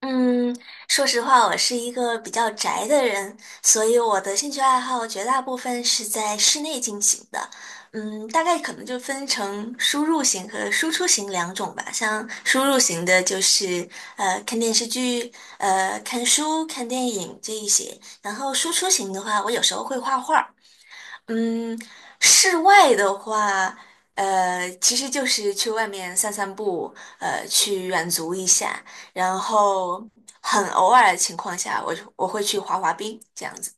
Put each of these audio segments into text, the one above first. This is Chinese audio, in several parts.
嗯，说实话，我是一个比较宅的人，所以我的兴趣爱好绝大部分是在室内进行的。嗯，大概可能就分成输入型和输出型两种吧。像输入型的，就是看电视剧、看书、看电影这一些。然后输出型的话，我有时候会画画。嗯，室外的话，其实就是去外面散散步，去远足一下，然后很偶尔的情况下，我会去滑滑冰这样子。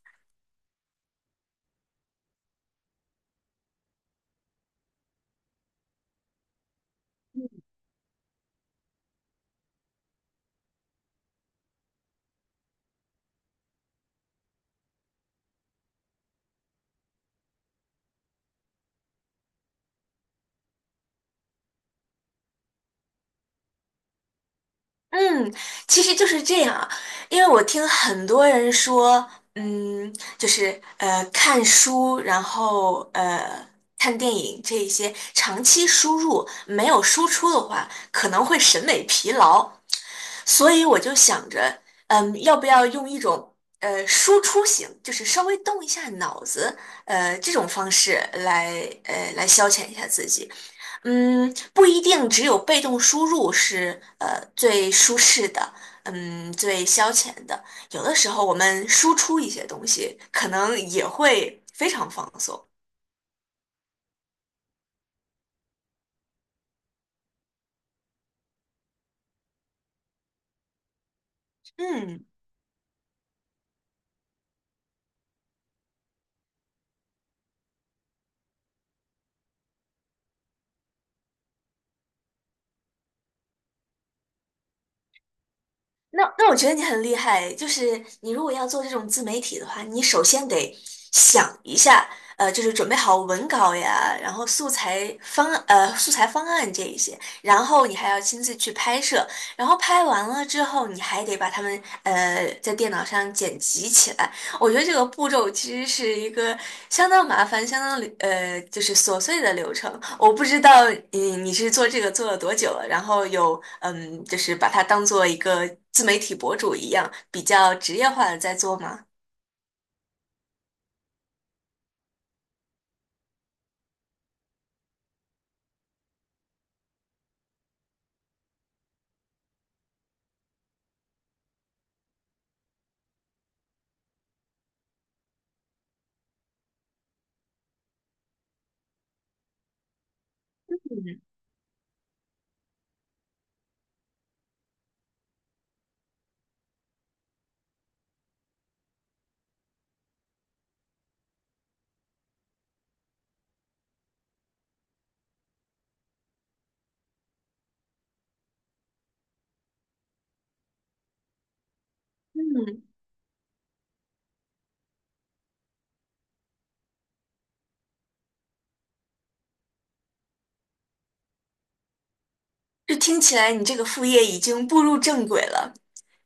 嗯，其实就是这样啊，因为我听很多人说，嗯，就是看书，然后看电影这一些长期输入没有输出的话，可能会审美疲劳，所以我就想着，嗯，要不要用一种输出型，就是稍微动一下脑子，这种方式来来消遣一下自己。嗯，不一定只有被动输入是最舒适的，嗯，最消遣的。有的时候我们输出一些东西，可能也会非常放松。嗯。那我觉得你很厉害，就是你如果要做这种自媒体的话，你首先得想一下，就是准备好文稿呀，然后素材方案这一些，然后你还要亲自去拍摄，然后拍完了之后，你还得把它们在电脑上剪辑起来，我觉得这个步骤其实是一个相当麻烦、相当，就是琐碎的流程。我不知道你是做这个做了多久了，然后就是把它当做一个自媒体博主一样，比较职业化的在做吗？嗯。就听起来你这个副业已经步入正轨了，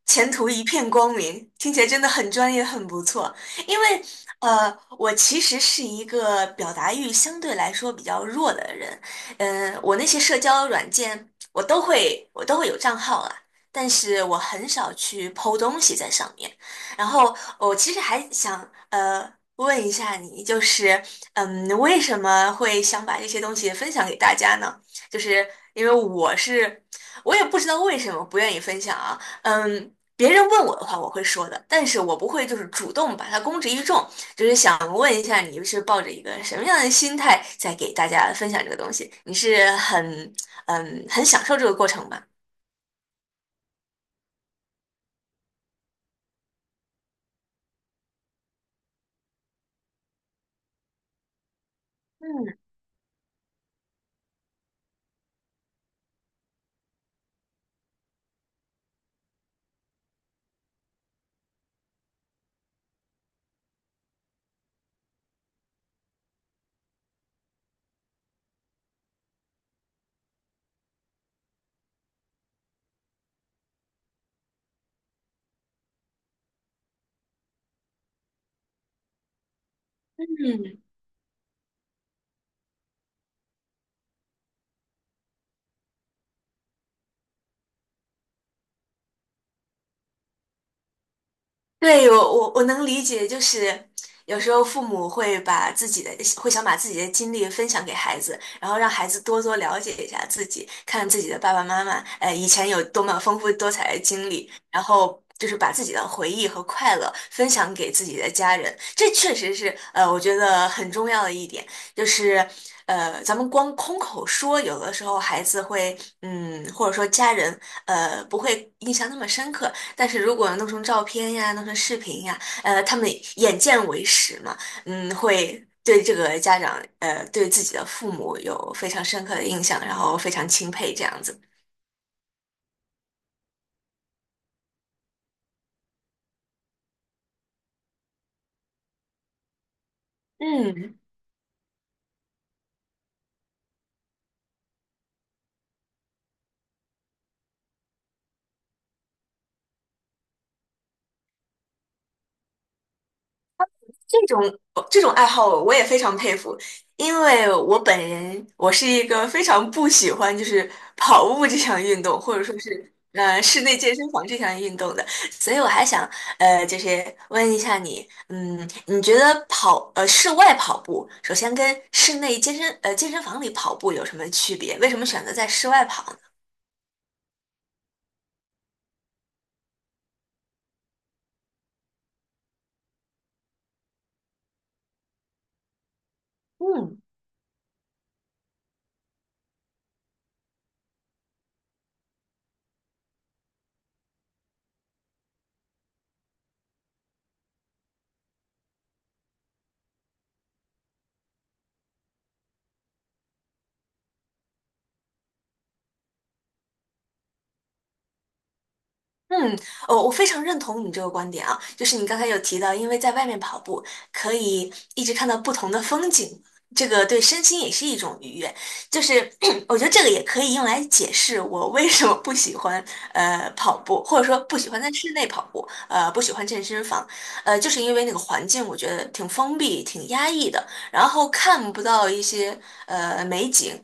前途一片光明，听起来真的很专业，很不错。因为我其实是一个表达欲相对来说比较弱的人，嗯、我那些社交软件我都会有账号啊，但是我很少去 po 东西在上面。然后我其实还想问一下你，就是嗯，为什么会想把这些东西分享给大家呢？就是因为我是，我也不知道为什么不愿意分享啊。嗯，别人问我的话，我会说的，但是我不会就是主动把它公之于众。就是想问一下，你是抱着一个什么样的心态在给大家分享这个东西？你是很嗯很享受这个过程吧？嗯。嗯，对，我能理解，就是有时候父母会把自己的会想把自己的经历分享给孩子，然后让孩子多多了解一下自己，看自己的爸爸妈妈，以前有多么丰富多彩的经历，然后就是把自己的回忆和快乐分享给自己的家人，这确实是我觉得很重要的一点，就是咱们光空口说，有的时候孩子会嗯，或者说家人，不会印象那么深刻。但是如果弄成照片呀，弄成视频呀，他们眼见为实嘛，嗯，会对这个家长，对自己的父母有非常深刻的印象，然后非常钦佩这样子。嗯，这种这种爱好我也非常佩服，因为我本人是一个非常不喜欢就是跑步这项运动，或者说是室内健身房这项运动的，所以我还想就是问一下你，嗯，你觉得室外跑步，首先跟室内健身呃健身房里跑步有什么区别？为什么选择在室外跑呢？嗯。嗯，我非常认同你这个观点啊，就是你刚才有提到，因为在外面跑步可以一直看到不同的风景，这个对身心也是一种愉悦。就是 我觉得这个也可以用来解释我为什么不喜欢跑步，或者说不喜欢在室内跑步，不喜欢健身房，就是因为那个环境我觉得挺封闭、挺压抑的，然后看不到一些美景，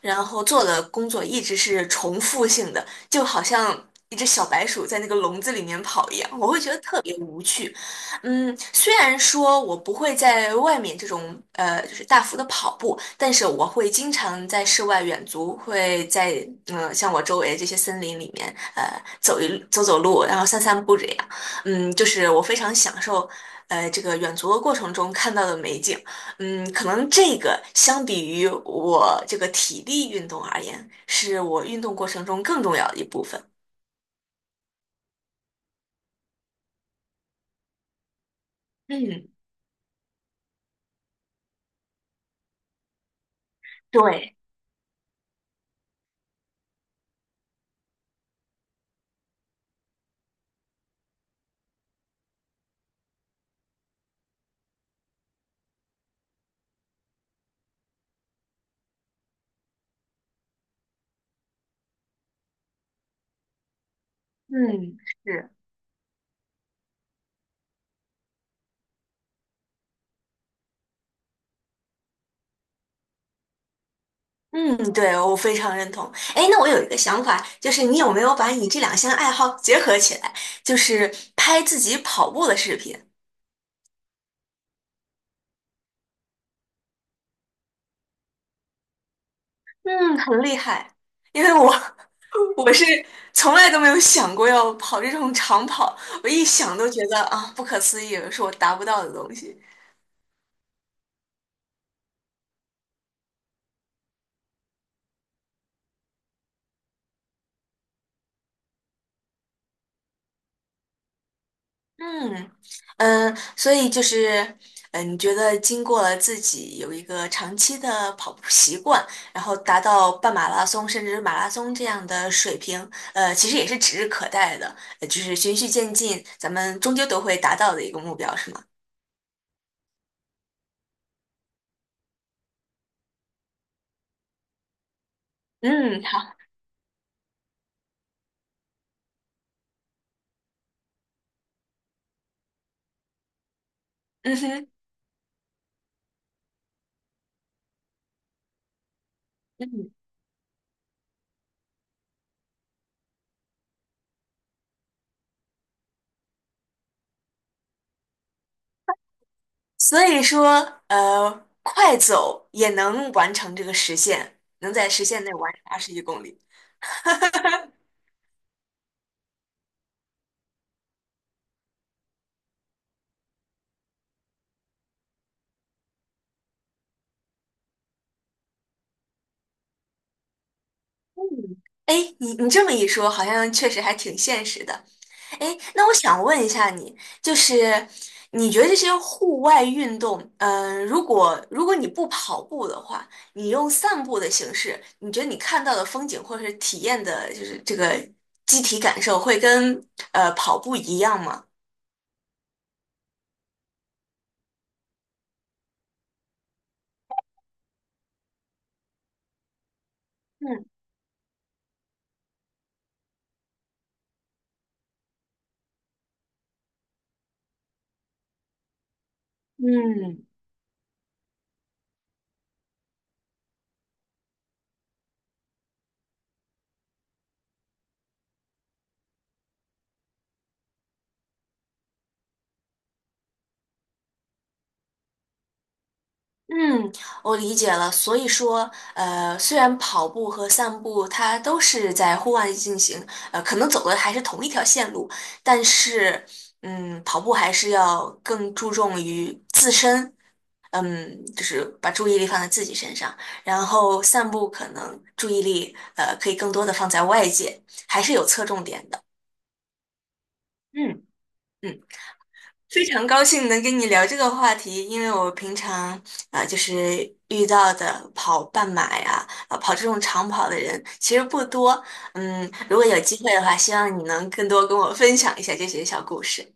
然后做的工作一直是重复性的。就好像一只小白鼠在那个笼子里面跑一样，我会觉得特别无趣。嗯，虽然说我不会在外面这种就是大幅的跑步，但是我会经常在室外远足，会在嗯、像我周围这些森林里面走一走走路，然后散散步这样。嗯，就是我非常享受这个远足的过程中看到的美景。嗯，可能这个相比于我这个体力运动而言，是我运动过程中更重要的一部分。嗯，对，嗯，是，嗯，对，我非常认同。哎，那我有一个想法，就是你有没有把你这两项爱好结合起来，就是拍自己跑步的视频？嗯，很厉害，因为我 我是从来都没有想过要跑这种长跑，我一想都觉得啊，不可思议，是我达不到的东西。嗯。嗯，所以就是，嗯，你觉得经过了自己有一个长期的跑步习惯，然后达到半马拉松甚至是马拉松这样的水平，其实也是指日可待的，就是循序渐进，咱们终究都会达到的一个目标，是吗？嗯，好，嗯哼，嗯，所以说，快走也能完成这个实现，能在时限内完成21公里。哎，你你这么一说，好像确实还挺现实的。哎，那我想问一下你，就是你觉得这些户外运动，嗯、如果你不跑步的话，你用散步的形式，你觉得你看到的风景或者是体验的，就是这个机体感受，会跟跑步一样吗？嗯。嗯，嗯，我理解了。所以说，虽然跑步和散步它都是在户外进行，可能走的还是同一条线路，但是，嗯，跑步还是要更注重于自身，嗯，就是把注意力放在自己身上，然后散步可能注意力，可以更多的放在外界，还是有侧重点的。嗯。嗯。非常高兴能跟你聊这个话题，因为我平常啊、就是遇到的跑半马呀，啊、跑这种长跑的人其实不多。嗯，如果有机会的话，希望你能更多跟我分享一下这些小故事。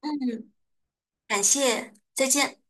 嗯，感谢，再见。